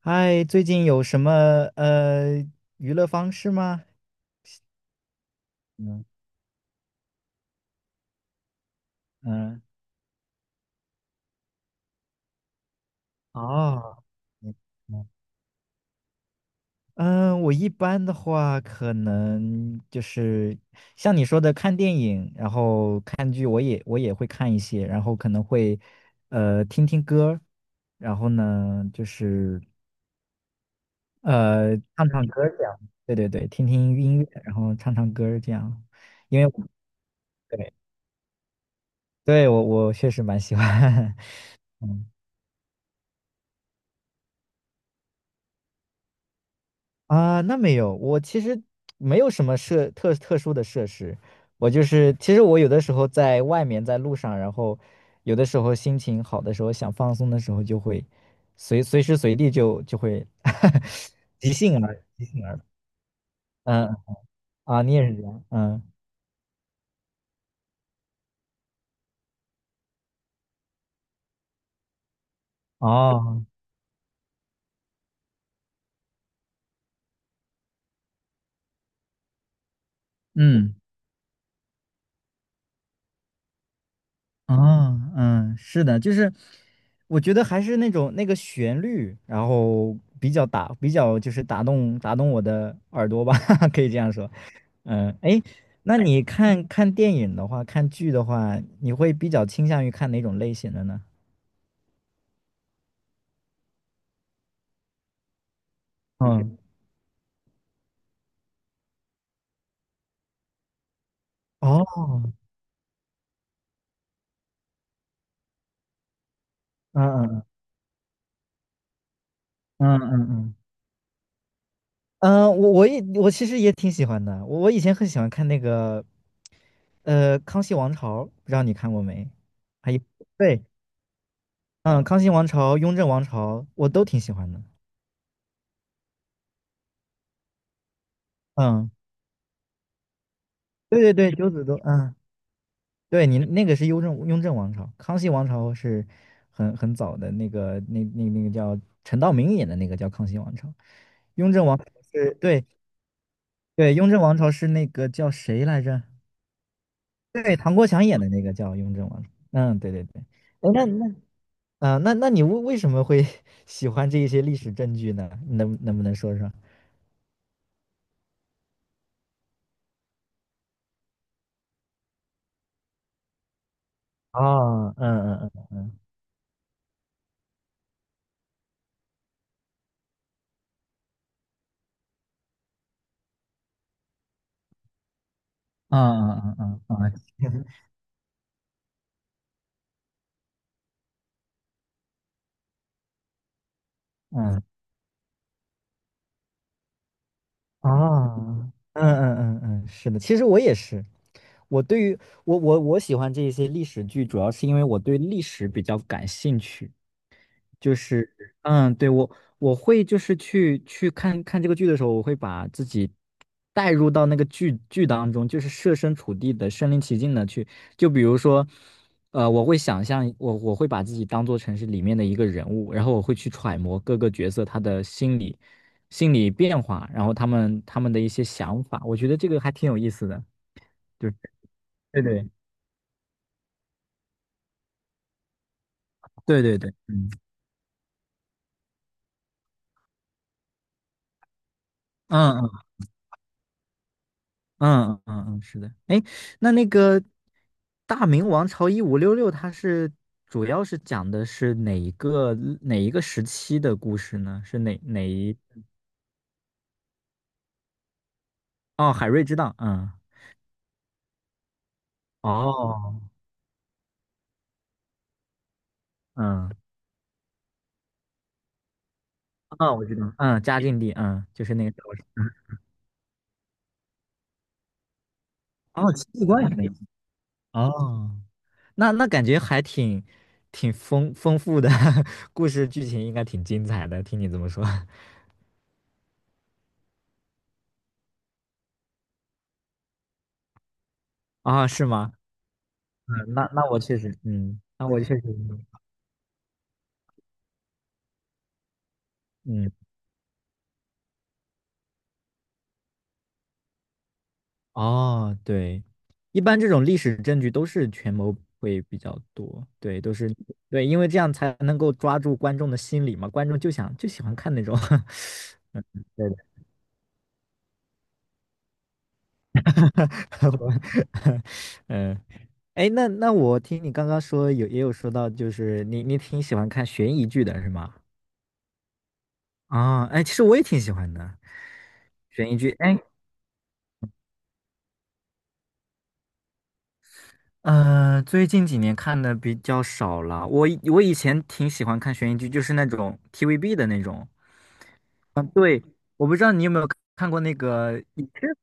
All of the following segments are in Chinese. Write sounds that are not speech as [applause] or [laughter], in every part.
嗨，最近有什么呃娱乐方式吗？嗯嗯哦，嗯，嗯我一般的话，可能就是像你说的看电影，然后看剧，我也会看一些，然后可能会听听歌，然后呢就是唱唱歌这样，对对对，听听音乐，然后唱唱歌这样，因为我对对我确实蛮喜欢，[laughs] 嗯。啊，那没有，我其实没有什么设特殊的设施，我就是其实我有的时候在外面在路上，然后有的时候心情好的时候想放松的时候，就会随时随地就会 [laughs] 即兴而即兴而嗯啊，你也是这样嗯哦嗯哦嗯是的，就是我觉得还是那种那个旋律，然后比较打比较就是打动我的耳朵吧，[laughs] 可以这样说。嗯，哎，那你看看电影的话，看剧的话，你会比较倾向于看哪种类型的呢？嗯，哦，嗯嗯嗯嗯，嗯嗯，我其实也挺喜欢的，我我以前很喜欢看那个《康熙王朝》，不知道你看过没？还有对，嗯，《康熙王朝》《雍正王朝》我都挺喜欢的。嗯，对对对，九子都，嗯。对你那个是雍正王朝，康熙王朝是很早的那个那个叫陈道明演的那个叫康熙王朝，雍正王朝是对对雍正王朝是那个叫谁来着？对，唐国强演的那个叫雍正王朝。嗯，对对对。哎，那那啊、那那你为什么会 [laughs] 喜欢这一些历史证据呢？能不能说说？哦，嗯嗯嗯嗯嗯嗯嗯嗯嗯。啊，嗯嗯嗯嗯，是的，其实我也是，我对于我喜欢这一些历史剧，主要是因为我对历史比较感兴趣。就是，嗯，对，我我会就是去看看这个剧的时候，我会把自己带入到那个剧当中，就是设身处地的、身临其境的去，就比如说，我会想象我会把自己当做成是里面的一个人物，然后我会去揣摩各个角色他的心理变化，然后他们的一些想法，我觉得这个还挺有意思的，就是对对对对对，嗯嗯嗯嗯嗯，嗯是的。哎，那那个《大明王朝一五六六》，它是主要是讲的是哪一个时期的故事呢？是哪哪一？哦，海瑞之荡，嗯，哦，嗯，啊，我知道，嗯，嘉靖帝，嗯，就是那个时哦，戚继光也可以。哦，那那感觉还挺挺丰富的，[laughs] 故事剧情应该挺精彩的，听你这么说，[laughs] 啊，是吗？嗯，那那我确实，嗯，那我确实，嗯。哦，对，一般这种历史证据都是权谋会比较多，对，都是对，因为这样才能够抓住观众的心理嘛，观众就想就喜欢看那种，[laughs] 对的，[laughs] 嗯，哎，那那我听你刚刚说有也有说到，就是你挺喜欢看悬疑剧的是吗？啊，哎，其实我也挺喜欢的悬疑剧，哎，最近几年看的比较少了，我以前挺喜欢看悬疑剧，就是那种 TVB 的那种。我不知道你有没有看过那个影视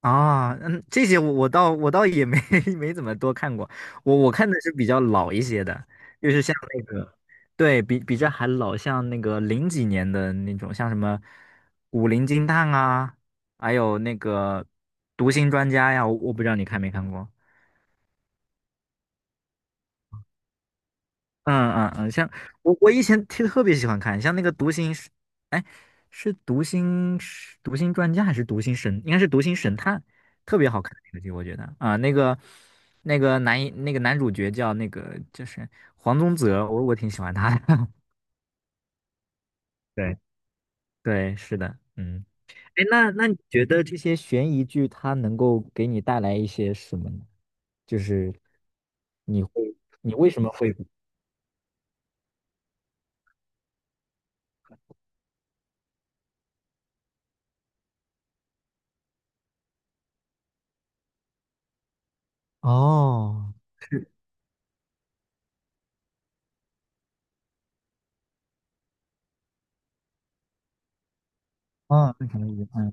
啊，嗯，这些我倒也没 [laughs] 没怎么多看过，我我看的是比较老一些的，就是像那个，对比这还老，像那个零几年的那种，像什么《古灵精探》啊，还有那个《读心专家》呀，我我不知道你看没看过嗯嗯嗯，像我我以前特别喜欢看，像那个《读心》是，哎，是《读心》是读心专家》还是《读心神》？应该是《读心神探》，特别好看那个剧，我觉得啊，那个那个男一那个男主角叫那个就是黄宗泽，我挺喜欢他的。[laughs] 对对，是的，嗯，哎，那那你觉得这些悬疑剧它能够给你带来一些什么呢？就是你会你为什么会哦哦，那可能也嗯。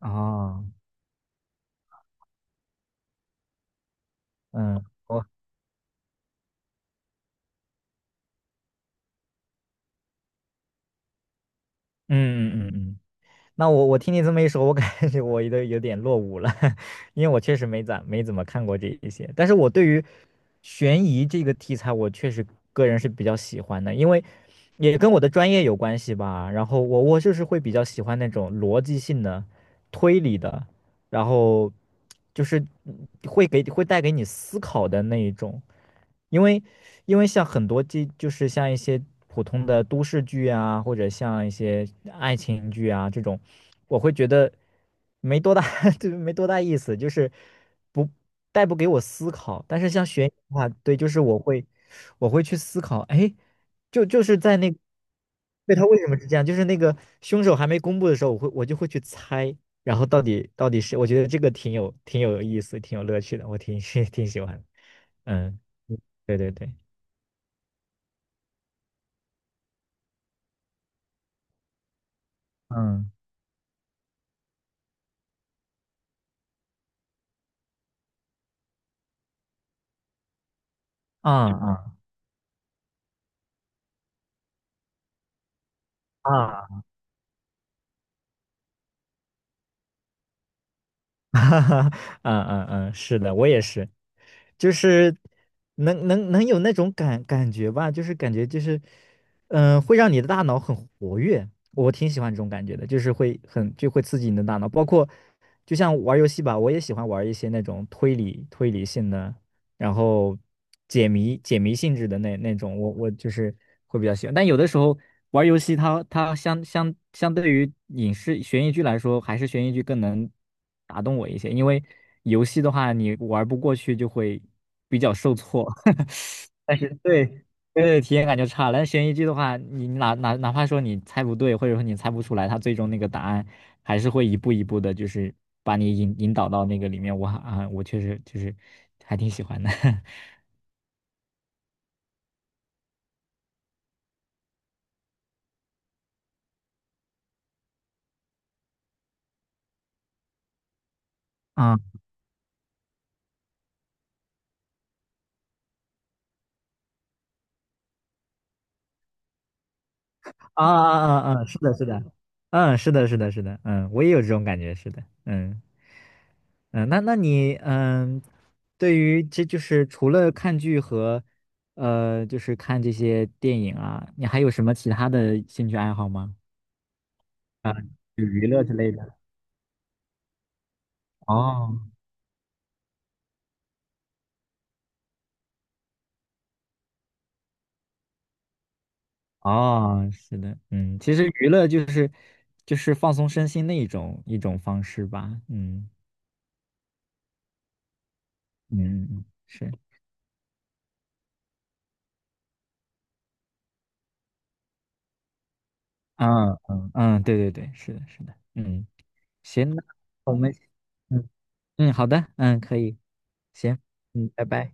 哦，嗯，我，嗯嗯嗯嗯，那我我听你这么一说，我感觉我都有点落伍了，[laughs] 因为我确实没怎么看过这一些，但是我对于悬疑这个题材，我确实个人是比较喜欢的，因为也跟我的专业有关系吧。然后我就是会比较喜欢那种逻辑性的、推理的。然后就是嗯会给会带给你思考的那一种，因为因为像很多这就是像一些普通的都市剧啊，或者像一些爱情剧啊这种，我会觉得没多大，[laughs] 就是没多大意思，就是不带不给我思考。但是像悬疑的话，对，就是我会去思考，哎，是在那。对，他为什么是这样？就是那个凶手还没公布的时候，我就会去猜，然后到底是，我觉得这个挺有意思，挺有乐趣的，我挺 [laughs] 挺喜欢的。嗯，对对对，嗯啊嗯啊啊，[laughs] 哈哈，嗯嗯嗯，是的，我也是，就是能有那种感感觉吧，就是感觉就是，嗯、会让你的大脑很活跃，我挺喜欢这种感觉的，就是会很就会刺激你的大脑，包括就像玩游戏吧，我也喜欢玩一些那种推理性的。然后解谜性质的那那种，我我就是会比较喜欢。但有的时候玩游戏它，它相对于影视悬疑剧来说，还是悬疑剧更能打动我一些，因为游戏的话，你玩不过去就会比较受挫。[laughs] 但是对对对体验感就差了。但悬疑剧的话，你哪怕说你猜不对，或者说你猜不出来，它最终那个答案还是会一步一步的，就是把你引导到那个里面。我啊，我确实就是还挺喜欢的。[laughs] 啊啊啊啊啊！是的，是的，嗯，是的，是的，是的，嗯，我也有这种感觉，是的，嗯嗯，那那你嗯，对于这就是除了看剧和就是看这些电影啊，你还有什么其他的兴趣爱好吗？啊，就娱乐之类的。哦哦，是的，嗯，其实娱乐就是就是放松身心的一种方式吧，嗯嗯嗯，是，嗯嗯嗯，对对对，是的，是的，嗯，行，那我们，嗯嗯，好的，嗯，可以，行，嗯，拜拜。